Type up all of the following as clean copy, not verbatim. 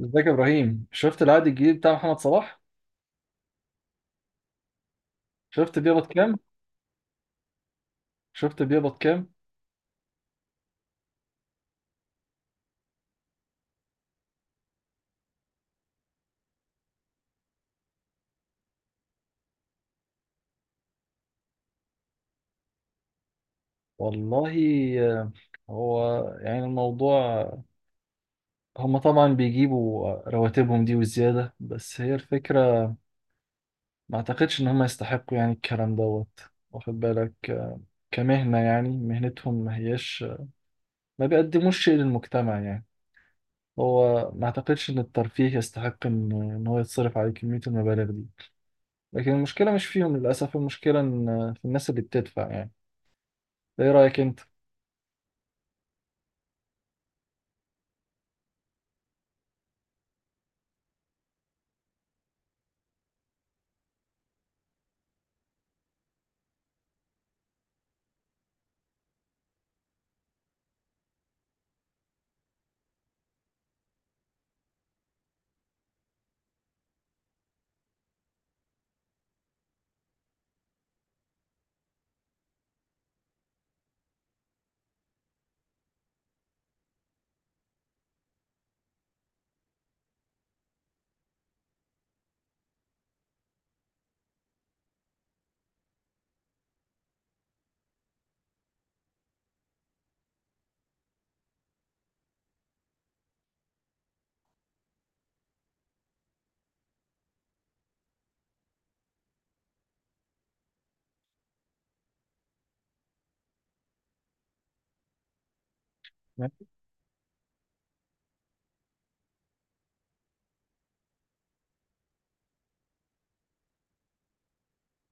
ازيك يا ابراهيم، شفت العقد الجديد بتاع محمد صلاح؟ شفت بيقبض كام؟ شفت بيقبض كام؟ والله. آه، هو يعني الموضوع. هم طبعا بيجيبوا رواتبهم دي وزيادة، بس هي الفكرة ما اعتقدش ان هم يستحقوا يعني الكلام دوت، واخد بالك؟ كمهنة يعني مهنتهم ما هيش، ما بيقدموش شيء للمجتمع يعني. هو ما اعتقدش ان الترفيه يستحق ان إن هو يتصرف عليه كمية المبالغ دي. لكن المشكلة مش فيهم للأسف، المشكلة إن في الناس اللي بتدفع يعني. ايه رأيك انت؟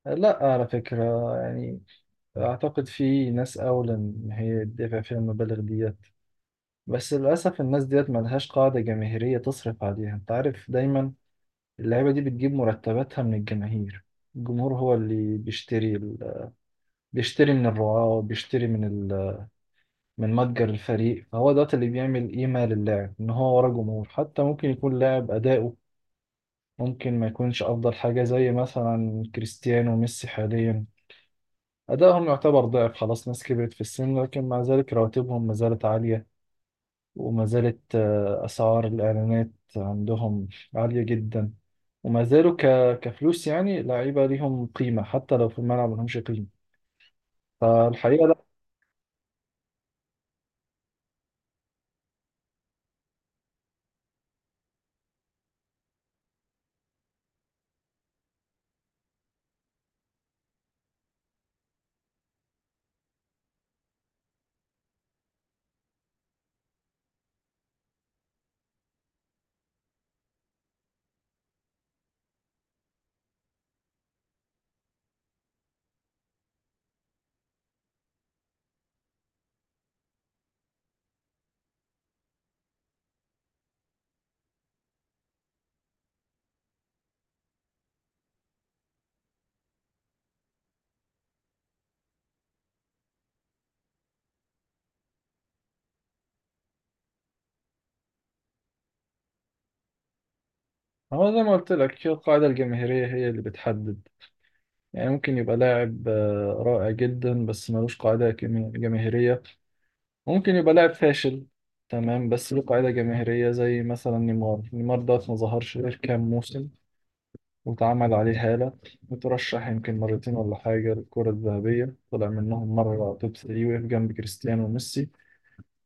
لا، على فكرة، يعني أعتقد في ناس أولى إن هي تدفع فيها المبالغ ديت، بس للأسف الناس ديت ملهاش قاعدة جماهيرية تصرف عليها. أنت عارف دايما اللعيبة دي بتجيب مرتباتها من الجماهير. الجمهور هو اللي بيشتري ال... بيشتري من الرعاة وبيشتري من ال... من متجر الفريق، فهو دوت اللي بيعمل قيمة للاعب إن هو ورا جمهور. حتى ممكن يكون لاعب أداؤه ممكن ما يكونش أفضل حاجة، زي مثلا كريستيانو وميسي حاليا، أدائهم يعتبر ضعف خلاص، ناس كبرت في السن، لكن مع ذلك رواتبهم ما زالت عالية، وما زالت أسعار الإعلانات عندهم عالية جدا، وما زالوا ك... كفلوس يعني لعيبة ليهم قيمة، حتى لو في الملعب ما لهمش قيمة. فالحقيقة لا. هو زي ما قلت لك، هي القاعدة الجماهيرية هي اللي بتحدد. يعني ممكن يبقى لاعب رائع جدا بس ملوش قاعدة جماهيرية، ممكن يبقى لاعب فاشل تمام بس له قاعدة جماهيرية، زي مثلا نيمار. نيمار ده ما ظهرش غير كام موسم، واتعمل عليه هالة، وترشح يمكن مرتين ولا حاجة للكرة الذهبية، طلع منهم مرة توب 3، وقف جنب كريستيانو وميسي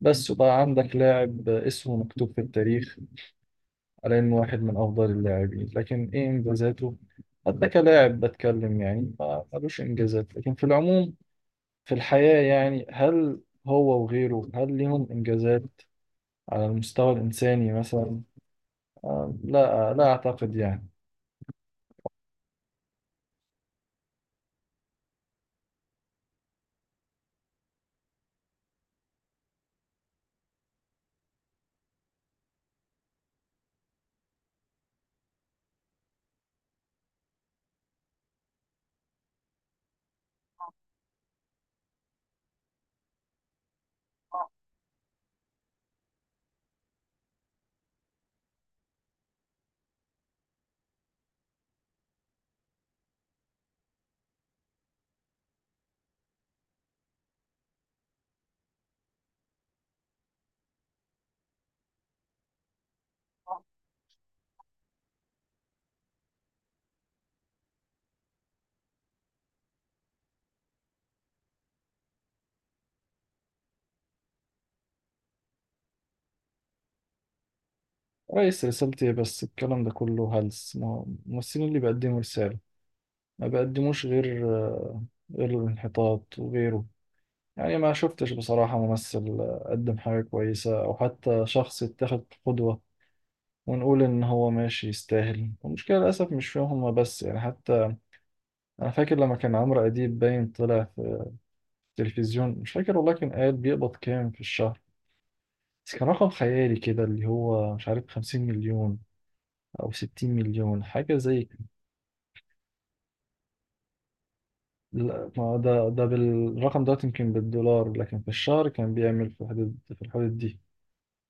بس، وبقى عندك لاعب اسمه مكتوب في التاريخ على إنه واحد من أفضل اللاعبين. لكن إيه إنجازاته؟ حتى كلاعب بتكلم يعني ما ملوش إنجازات، لكن في العموم في الحياة يعني، هل هو وغيره هل ليهم إنجازات على المستوى الإنساني مثلا؟ لا، لا أعتقد يعني. رئيس رسالتي إيه بس الكلام ده كله هلس. هو الممثلين اللي بيقدموا رسالة، ما بيقدموش غير الانحطاط وغيره. يعني ما شفتش بصراحة ممثل قدم حاجة كويسة، أو حتى شخص اتخذ قدوة ونقول إن هو ماشي يستاهل. المشكلة للأسف مش فيهم هما بس يعني، حتى أنا فاكر لما كان عمرو أديب باين طلع في التلفزيون، مش فاكر والله، كان قال بيقبض كام في الشهر، بس كان رقم خيالي كده، اللي هو مش عارف، 50 مليون أو 60 مليون حاجة زي. لا، ما هو ده، ده بالرقم ده يمكن بالدولار، لكن في الشهر كان بيعمل في الحدود، في الحدود دي،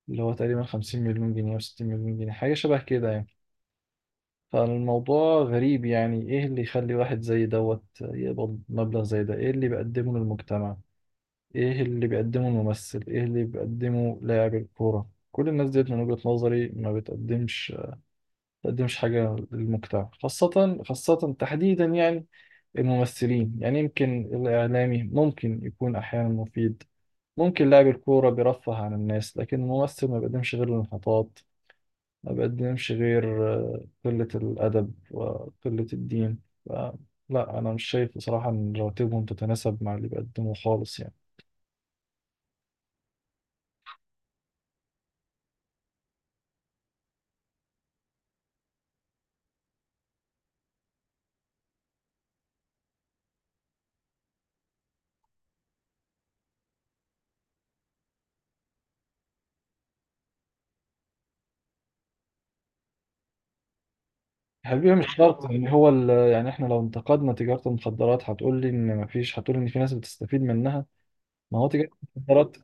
اللي هو تقريبا 50 مليون جنيه او 60 مليون جنيه، حاجة شبه كده يعني. فالموضوع غريب، يعني ايه اللي يخلي واحد زي دوت يقبض مبلغ زي ده؟ ايه اللي بيقدمه للمجتمع؟ ايه اللي بيقدمه الممثل؟ ايه اللي بيقدمه لاعب الكورة؟ كل الناس ديت من وجهة نظري ما بتقدمش، بتقدمش حاجة للمجتمع. خاصة خاصة تحديدا يعني الممثلين. يعني يمكن الإعلامي ممكن يكون أحيانا مفيد، ممكن لاعب الكورة بيرفه عن الناس، لكن الممثل ما بيقدمش غير الانحطاط، ما بيقدمش غير آه، قلة الأدب وقلة الدين. ف- لا، أنا مش شايف بصراحة إن رواتبهم تتناسب مع اللي بيقدموه خالص يعني. حبيبي مش شرط يعني هو يعني احنا لو انتقدنا تجارة المخدرات هتقول لي ان مفيش، هتقول ان في ناس بتستفيد منها. ما هو تجارة المخدرات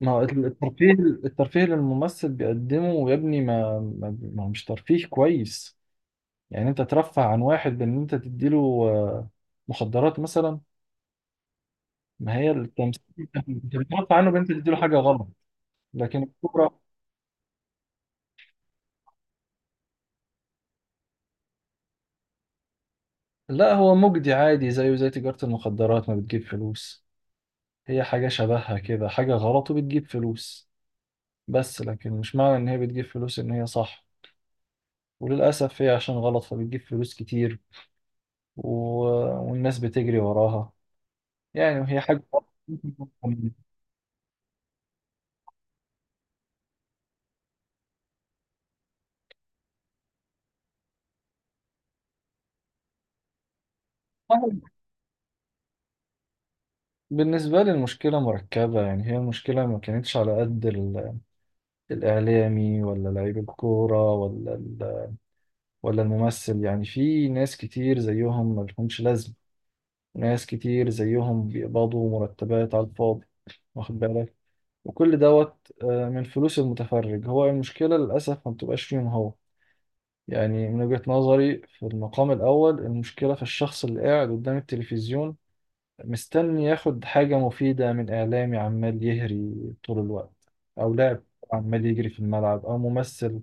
ما هو الترفيه. الترفيه اللي الممثل بيقدمه يا ابني، ما ما ما هو مش ترفيه كويس، يعني انت ترفه عن واحد بان انت تديله آه، مخدرات مثلا. ما هي التمثيل انت بترفه عنه بان انت تديله حاجه غلط، لكن الكوره لا، هو مجدي عادي، زيه زي تجاره المخدرات، ما بتجيب فلوس، هي حاجه شبهها كده، حاجه غلط وبتجيب فلوس. بس لكن مش معنى ان هي بتجيب فلوس ان هي صح، وللاسف هي عشان غلط فبتجيب فلوس كتير، و... والناس بتجري وراها يعني، وهي حاجة صعبة. بالنسبة لي المشكلة مركبة، يعني هي المشكلة ما كانتش على قد الإعلامي، ولا لعيب الكورة، ولا الممثل، يعني في ناس كتير زيهم ما لهمش لازمة، ناس كتير زيهم بيقبضوا مرتبات على الفاضي، واخد بالك؟ وكل دوت من فلوس المتفرج. هو المشكلة للأسف ما بتبقاش فيهم هو، يعني من وجهة نظري في المقام الأول المشكلة في الشخص اللي قاعد قدام التلفزيون، مستني ياخد حاجة مفيدة من إعلامي عمال يهري طول الوقت، أو لاعب عمال يجري في الملعب، أو ممثل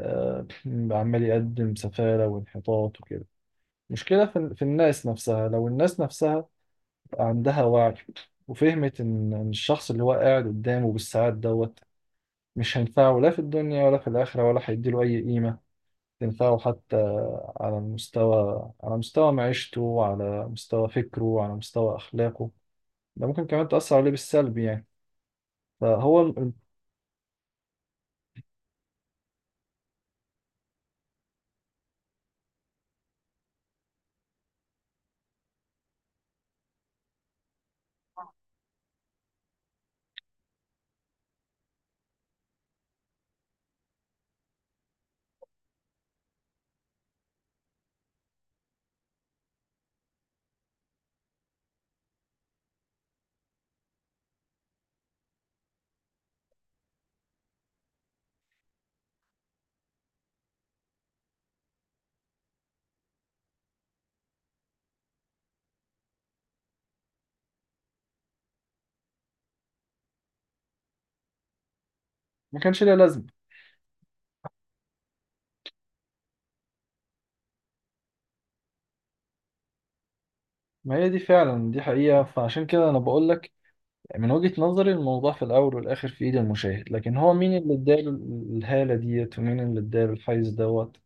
آه، عمال يقدم سفالة وانحطاط وكده. مشكلة في الناس نفسها، لو الناس نفسها عندها وعي وفهمت إن الشخص اللي هو قاعد قدامه بالساعات دوت مش هينفعه لا في الدنيا ولا في الآخرة، ولا هيديله أي قيمة تنفعه حتى، على المستوى، على مستوى معيشته، على مستوى فكره، على مستوى أخلاقه، ده ممكن كمان تأثر عليه بالسلب يعني. فهو ما كانش ليه لازمة. ما هي دي فعلا، دي حقيقة، فعشان كده أنا بقول لك من وجهة نظري الموضوع في الأول والآخر في إيد المشاهد، لكن هو مين اللي اداله الهالة ديت، ومين اللي اداله الحيز دوت.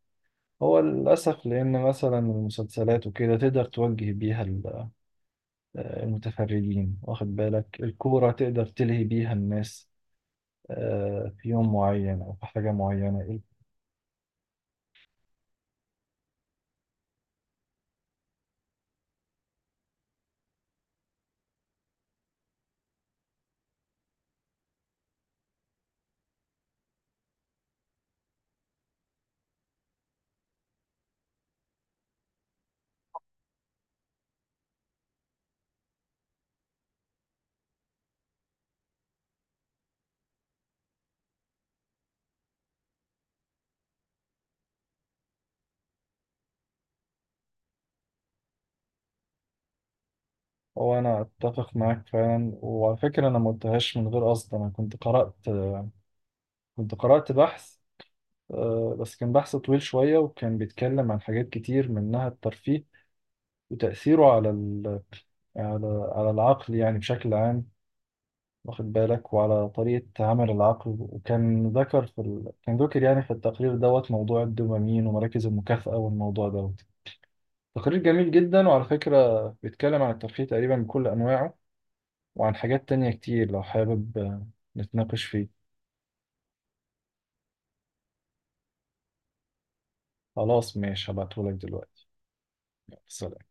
هو للأسف، لأن مثلا المسلسلات وكده تقدر توجه بيها المتفرجين، واخد بالك؟ الكورة تقدر تلهي بيها الناس في يوم معين أو في حاجة معينة. هو انا اتفق معاك فعلا، وعلى فكره انا ما قلتهاش من غير قصد، انا كنت قرات بحث، بس كان بحث طويل شويه، وكان بيتكلم عن حاجات كتير منها الترفيه وتاثيره على ال... على العقل يعني بشكل عام، واخد بالك؟ وعلى طريقه عمل العقل. وكان ذكر في ال... كان ذكر يعني في التقرير دوت موضوع الدوبامين ومراكز المكافاه والموضوع دوت. تقرير جميل جدا، وعلى فكره بيتكلم عن الترفيه تقريبا بكل انواعه، وعن حاجات تانية كتير، لو حابب نتناقش فيه. خلاص ماشي، هبعتهولك دلوقتي. يلا، سلام.